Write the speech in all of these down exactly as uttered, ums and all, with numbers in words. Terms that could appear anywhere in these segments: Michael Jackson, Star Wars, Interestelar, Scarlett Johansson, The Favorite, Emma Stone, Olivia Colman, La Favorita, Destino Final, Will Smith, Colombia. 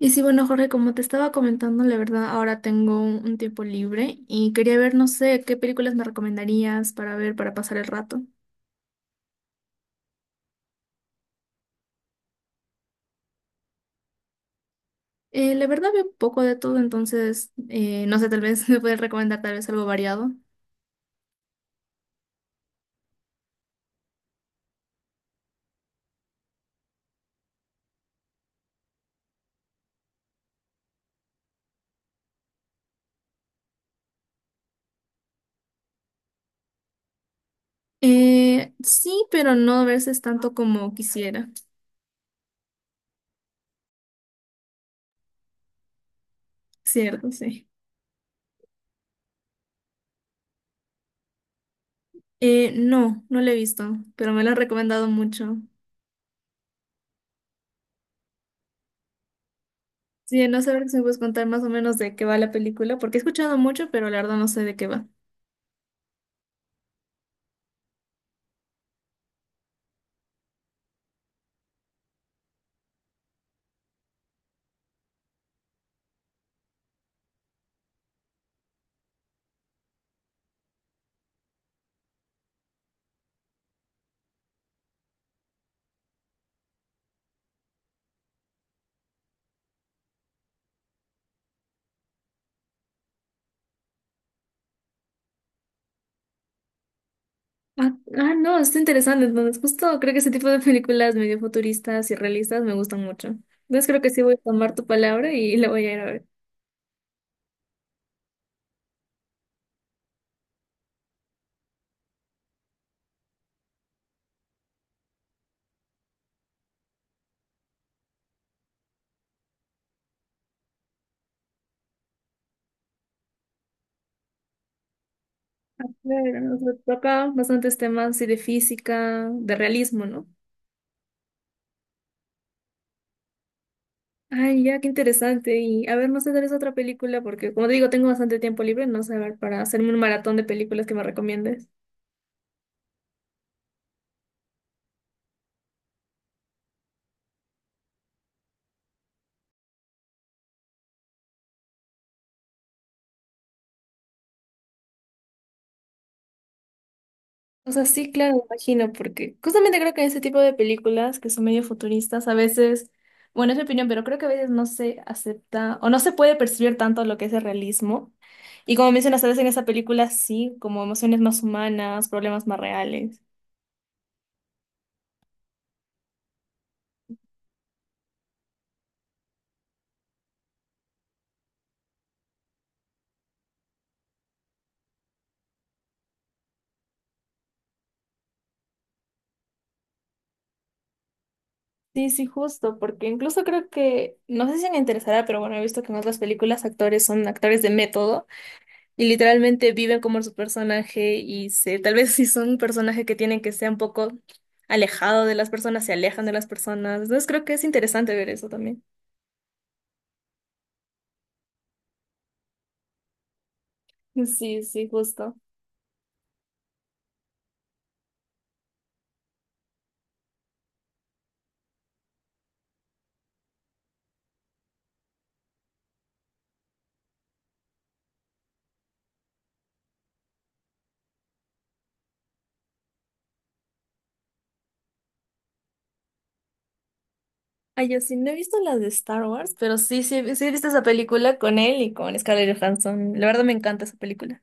Y sí, bueno, Jorge, como te estaba comentando, la verdad, ahora tengo un, un tiempo libre y quería ver, no sé, qué películas me recomendarías para ver, para pasar el rato. Eh, la verdad, veo un poco de todo, entonces, eh, no sé, tal vez me puedes recomendar tal vez algo variado. Eh, sí, pero no a veces tanto como quisiera, ¿cierto? Sí. Eh, no, no la he visto, pero me lo han recomendado mucho. Sí, no sé, a ver si me puedes contar más o menos de qué va la película, porque he escuchado mucho, pero la verdad no sé de qué va. Ah, ah, no, está interesante. Entonces, justo creo que ese tipo de películas medio futuristas y realistas me gustan mucho. Entonces, creo que sí voy a tomar tu palabra y la voy a ir a ver. Claro, nos toca bastantes temas sí, de física, de realismo, ¿no? Ay, ya, qué interesante. Y a ver, no sé, tal vez otra película, porque como te digo, tengo bastante tiempo libre, no sé, a ver, para hacerme un maratón de películas que me recomiendes. O sea, sí, claro, me imagino, porque justamente creo que en ese tipo de películas que son medio futuristas, a veces, bueno, es mi opinión, pero creo que a veces no se acepta o no se puede percibir tanto lo que es el realismo. Y como mencionas, a veces en esa película sí, como emociones más humanas, problemas más reales. Sí, sí, justo, porque incluso creo que, no sé si me interesará, pero bueno, he visto que en otras películas actores son actores de método. Y literalmente viven como su personaje y se, tal vez, si son un personaje que tienen que ser un poco alejado de las personas, se alejan de las personas. Entonces creo que es interesante ver eso también. Sí, sí, justo. Ay, yo sí, no he visto las de Star Wars, pero sí, sí, sí he visto esa película con él y con Scarlett Johansson. La verdad me encanta esa película.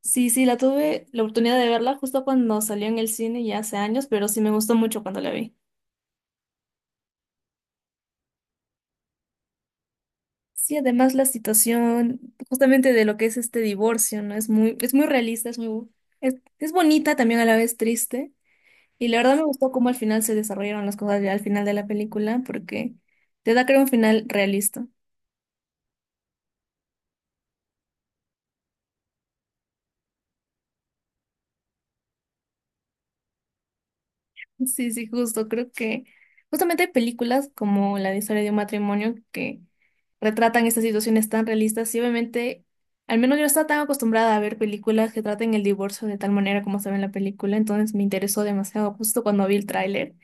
Sí, sí, la tuve la oportunidad de verla justo cuando salió en el cine ya hace años, pero sí me gustó mucho cuando la vi. Sí, además la situación justamente de lo que es este divorcio, ¿no? Es muy, es muy realista, es muy, es, es bonita también a la vez triste. Y la verdad me gustó cómo al final se desarrollaron las cosas ya al final de la película, porque te da, creo, un final realista. Sí, sí, justo. Creo que justamente hay películas como la de Historia de un Matrimonio que retratan estas situaciones tan realistas y obviamente, al menos yo no estaba tan acostumbrada a ver películas que traten el divorcio de tal manera como se ve en la película, entonces me interesó demasiado justo cuando vi el tráiler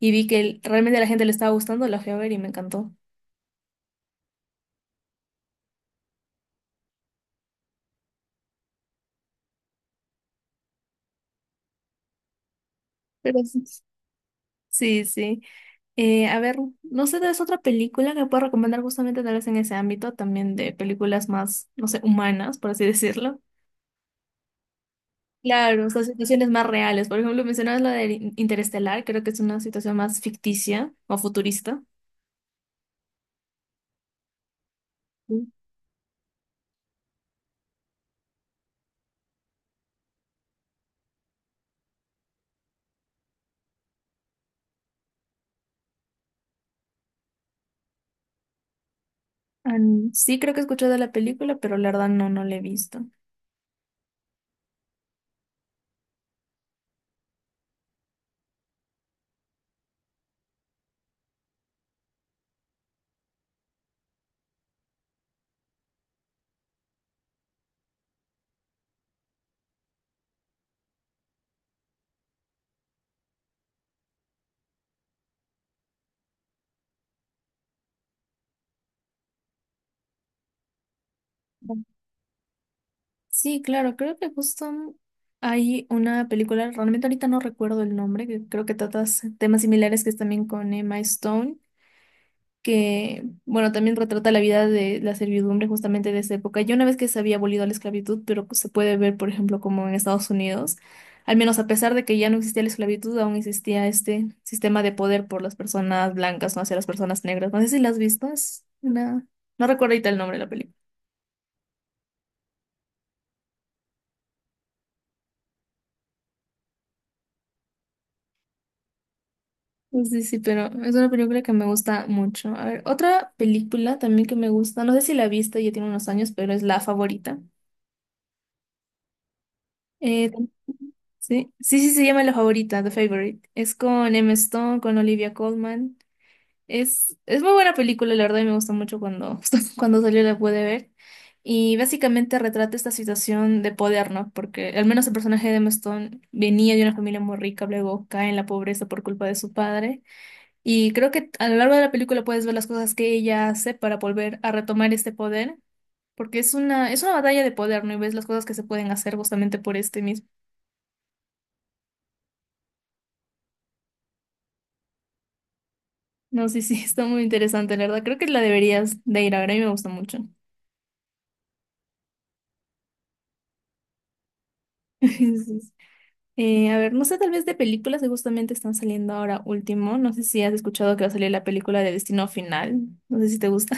y vi que el- realmente a la gente le estaba gustando, la fui a ver y me encantó. Pero sí, sí, sí. Eh, a ver, no sé, ¿es otra película que puedo recomendar justamente tal vez en ese ámbito también de películas más, no sé, humanas, por así decirlo? Claro, son situaciones más reales. Por ejemplo, mencionabas la de Interestelar, creo que es una situación más ficticia o futurista. Sí. An- sí, creo que he escuchado de la película, pero la verdad no, no la he visto. Ujú. Sí, claro, creo que justo hay una película, realmente ahorita no recuerdo el nombre, que creo que trata temas similares, que es también con Emma Stone. Que, bueno, también retrata la vida de la servidumbre justamente de esa época. Ya una vez que se había abolido la esclavitud, pero pues, se puede ver, por ejemplo, como en Estados Unidos, al menos a pesar de que ya no existía la esclavitud, aún existía este sistema de poder por las personas blancas, no hacia las personas negras. No sé si la has visto, es una... No recuerdo ahorita el nombre de la película. Sí, sí, pero es una película que me gusta mucho. A ver, otra película también que me gusta, no sé si la viste, ya tiene unos años, pero es La Favorita. Eh, Sí, sí, sí, se llama La Favorita, The Favorite. Es con Emma Stone, con Olivia Colman. Es, es muy buena película, la verdad, y me gustó mucho cuando, cuando salió la pude ver. Y básicamente retrata esta situación de poder, ¿no? Porque al menos el personaje de Emma Stone venía de una familia muy rica, luego cae en la pobreza por culpa de su padre. Y creo que a lo largo de la película puedes ver las cosas que ella hace para volver a retomar este poder. Porque es una, es una batalla de poder, ¿no? Y ves las cosas que se pueden hacer justamente por este mismo. No, sí, sí, está muy interesante, la verdad. Creo que la deberías de ir a ver, a mí me gusta mucho. Entonces, eh, a ver, no sé, tal vez de películas que justamente están saliendo ahora último. No sé si has escuchado que va a salir la película de Destino Final. No sé si te gusta.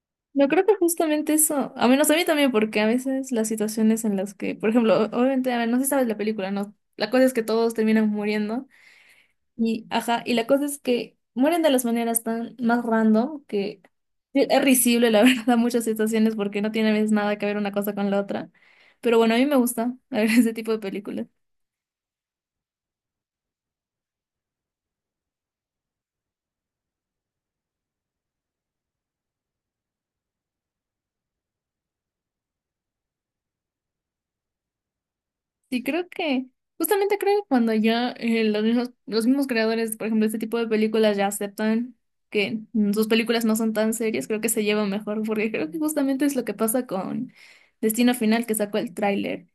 Yo creo que justamente eso, a menos a mí también, porque a veces las situaciones en las que, por ejemplo, o- obviamente, a ver, no sé si sabes la película, ¿no? La cosa es que todos terminan muriendo. Y, ajá, y la cosa es que mueren de las maneras tan más random que es risible, la verdad, muchas situaciones porque no tiene a veces nada que ver una cosa con la otra. Pero bueno, a mí me gusta ver ese tipo de películas. Sí, creo que, justamente creo que cuando ya eh, los mismos, los mismos creadores, por ejemplo, de este tipo de películas ya aceptan que mm, sus películas no son tan serias, creo que se llevan mejor, porque creo que justamente es lo que pasa con Destino Final, que sacó el tráiler.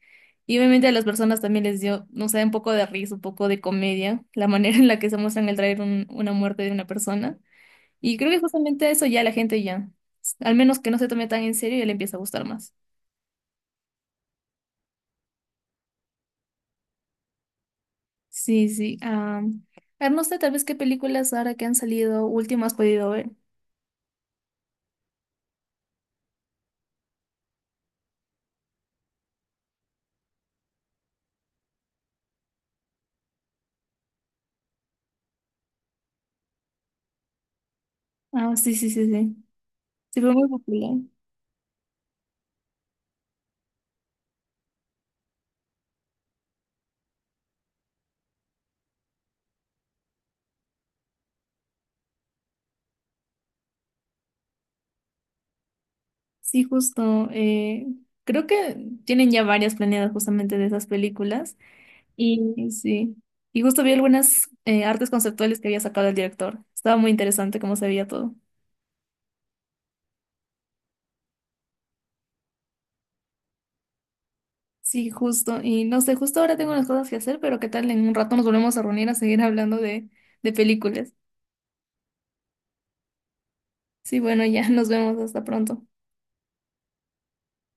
Y obviamente a las personas también les dio, no sé, un poco de risa, un poco de comedia, la manera en la que se muestra en el tráiler un- una muerte de una persona. Y creo que justamente eso ya la gente ya, al menos que no se tome tan en serio, ya le empieza a gustar más. Sí, sí. Am, a ver, no sé, tal vez qué películas ahora que han salido últimas has podido ver. Ah, sí, sí, sí, sí. Sí, fue muy popular. Sí, justo. Eh, creo que tienen ya varias planeadas justamente de esas películas. Y sí. Y justo vi algunas eh, artes conceptuales que había sacado el director. Estaba muy interesante cómo se veía todo. Sí, justo. Y no sé, justo ahora tengo unas cosas que hacer, pero qué tal en un rato nos volvemos a reunir a seguir hablando de, de películas. Sí, bueno, ya nos vemos. Hasta pronto.